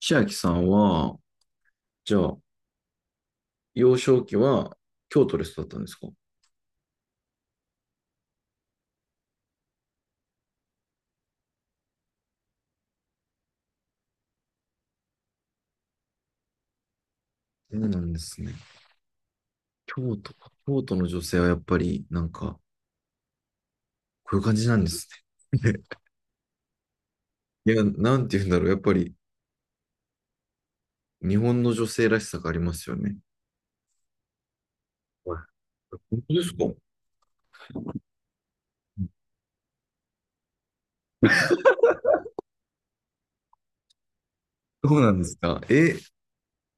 千秋さんは、じゃあ、幼少期は京都で育ったんですか？そうなんですね。京都か、京都の女性はやっぱり、なんか、こういう感じなんですね。いや、なんて言うんだろう。やっぱり、日本の女性らしさがありますよね。はい。本当ですか？そうなんですか。え、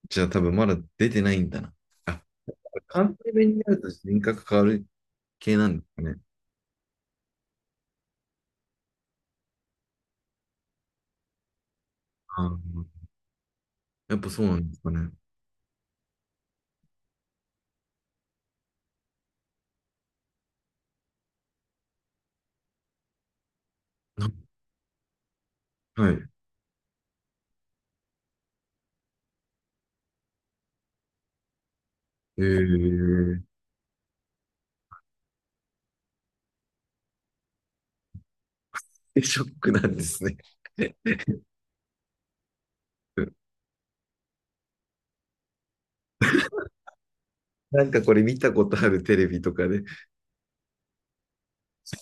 じゃあ多分まだ出てないんだな。あ、関西弁になると人格変わる系なんですかね。あー、やっぱそうなんですかね。なはい。えー、でショックなんですね。うん。なんかこれ見たことあるテレビとかで。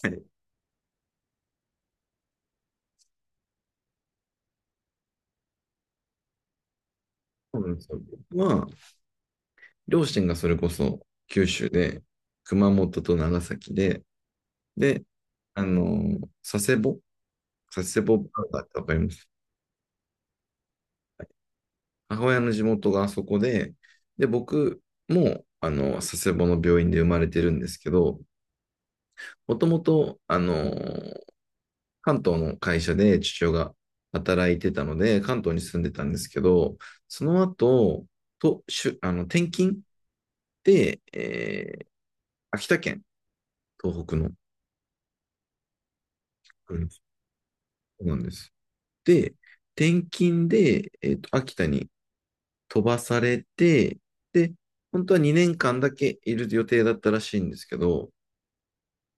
はい。そうなんですよ。まあ、両親がそれこそ九州で、熊本と長崎で、で、あの、佐世保佐世保バーガーってわかります？母親の地元があそこで、僕も、佐世保の病院で生まれてるんですけど、もともと、関東の会社で父親が働いてたので、関東に住んでたんですけど、その後、と、しゅ、あの、転勤で、秋田県、東北の、うん。そうなんです。で、転勤で、秋田に飛ばされて、で、本当は2年間だけいる予定だったらしいんですけど、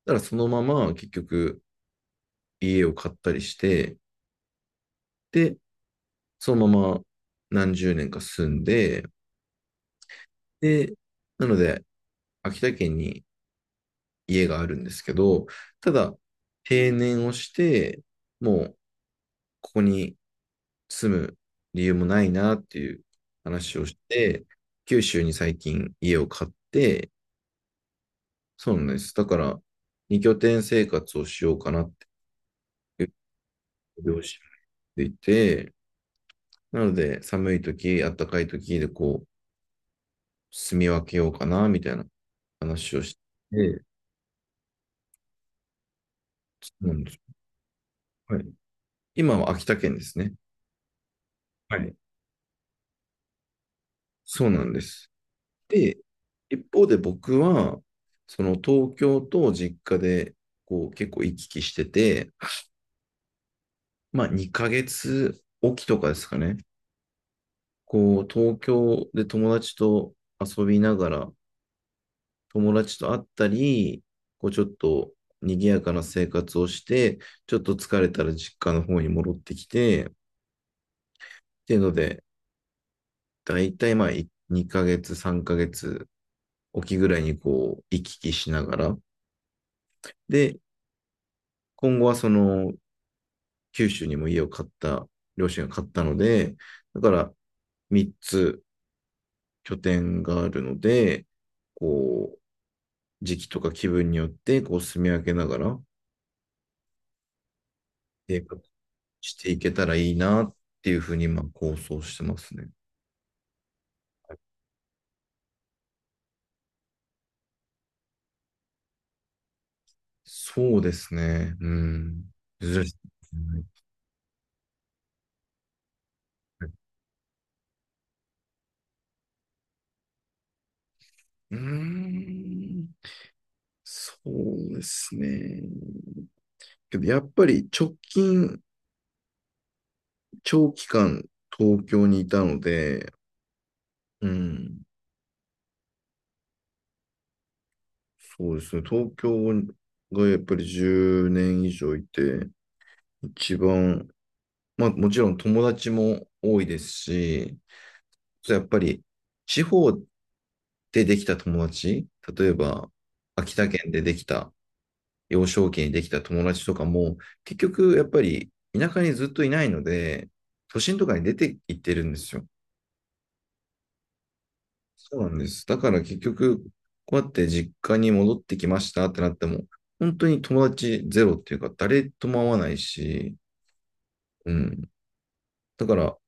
だからそのまま結局家を買ったりして、で、そのまま何十年か住んで、で、なので、秋田県に家があるんですけど、ただ、定年をして、もう、ここに住む理由もないなっていう話をして、九州に最近家を買って、そうなんです。だから、二拠点生活をしようかなっていう両親でいて、なので、寒い時、暖かい時でこう、住み分けようかな、みたいな話をして、なんです。はい。今は秋田県ですね。はい。そうなんです。で、一方で僕は、その東京と実家で、こう結構行き来してて、まあ2ヶ月おきとかですかね。こう東京で友達と遊びながら、友達と会ったり、こうちょっと賑やかな生活をして、ちょっと疲れたら実家の方に戻ってきて、っていうので、だいたいまあ2ヶ月、3ヶ月沖ぐらいにこう行き来しながら、で、今後はその九州にも家を買った、両親が買ったので、だから3つ拠点があるので、こう、時期とか気分によって、こう、住み分けながら、生活していけたらいいなっていうふうに、まあ、構想してますね。そうですね。うん。珍しい。うーん。そうですね。けど、やっぱり直近長期間東京にいたので、うん、そうですね、東京がやっぱり10年以上いて、一番、まあもちろん友達も多いですし、やっぱり地方でできた友達、例えば秋田県でできた、幼少期にできた友達とかも、結局やっぱり田舎にずっといないので、都心とかに出て行ってるんですよ。そうなんです。だから結局、こうやって実家に戻ってきましたってなっても、本当に友達ゼロっていうか、誰とも会わないし、うん。だから、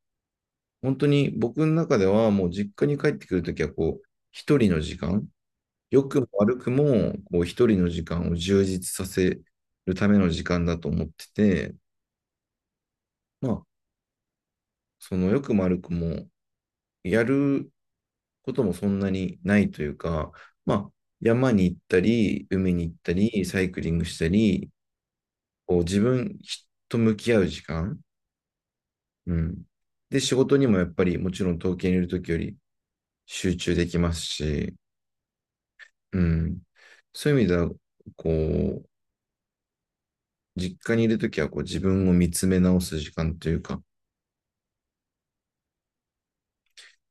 本当に僕の中では、もう実家に帰ってくるときは、こう、一人の時間、良くも悪くも、こう、一人の時間を充実させるための時間だと思ってて、まあ、その良くも悪くも、やることもそんなにないというか、まあ、山に行ったり、海に行ったり、サイクリングしたり、こう自分と向き合う時間、うん。で、仕事にもやっぱりもちろん東京にいるときより集中できますし、うん。そういう意味では、こう、実家にいるときはこう自分を見つめ直す時間というか、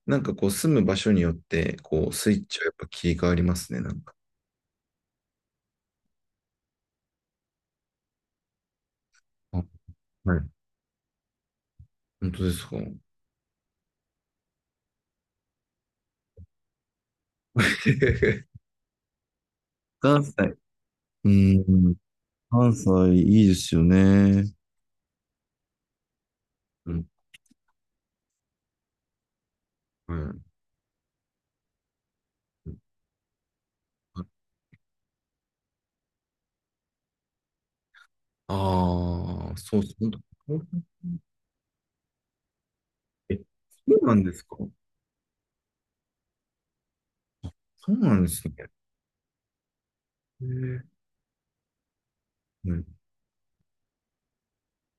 なんかこう住む場所によって、こうスイッチはやっぱ切り替わりますね、なんか。あ、はい。本当ですか。関西。うーん。関西いいですよね。うん、はい。ああー、そうそう。本当。え、そうなんですか？そうなんですね。えー、うん、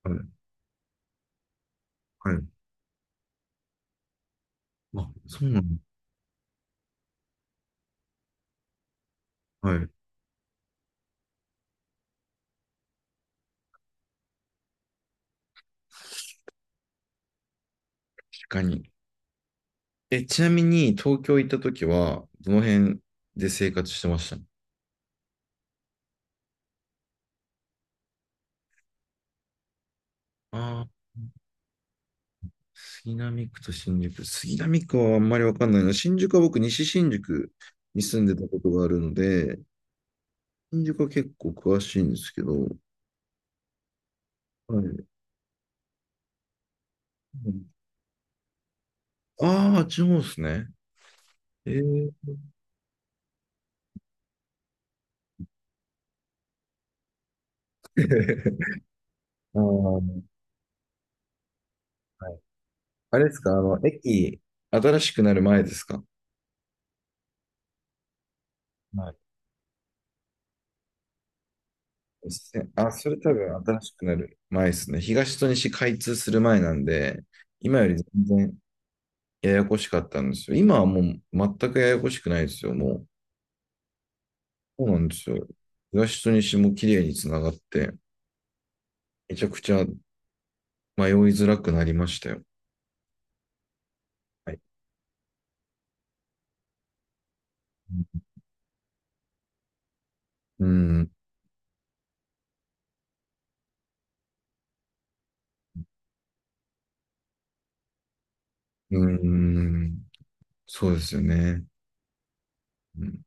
はい、はい。あ、そうなん。はい、確かに。え、ちなみに、東京行った時は、どの辺で生活してました？ああー、杉並区と新宿。杉並区はあんまりわかんないな。新宿は僕、西新宿に住んでたことがあるので、新宿は結構詳しいんですけど、はい。ああ、っちの方ですね。えー、あー、はい。あれですか、駅、新しくなる前ですか？はい。せあ、それ多分新しくなる前ですね。東と西開通する前なんで、今より全然ややこしかったんですよ。今はもう全くややこしくないですよ。もう、そうなんですよ。東と西も綺麗につながって、めちゃくちゃ迷いづらくなりましたよ。はい。うん、うん、そうですよね。うん。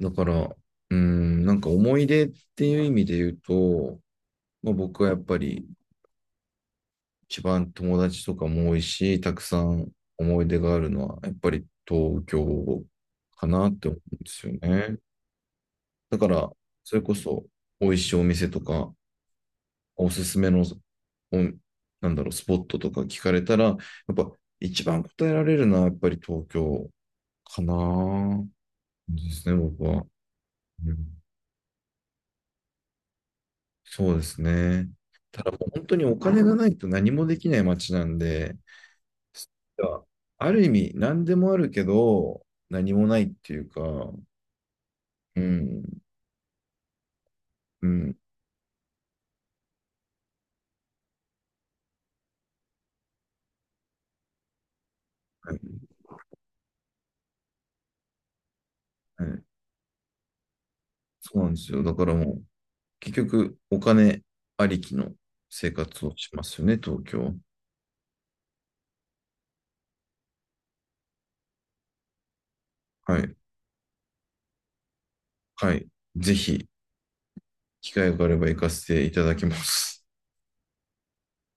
だから、うん、なんか思い出っていう意味で言うと、まあ、僕はやっぱり一番友達とかも多いし、たくさん思い出があるのは、やっぱり東京かなって思うんですよね。だから、それこそ、美味しいお店とか、おすすめの、お、なんだろう、スポットとか聞かれたら、やっぱ一番答えられるのは、やっぱり東京かなですね、僕は。うん。そうですね。ただもう本当にお金がないと何もできない街なんで、ある意味何でもあるけど、何もないっていうか、うん、うん、はい、はい。そうなんですよ。だからもう、結局お金ありきの生活をしますよね、東京。はい、はい。ぜひ、機会があれば行かせていただきます。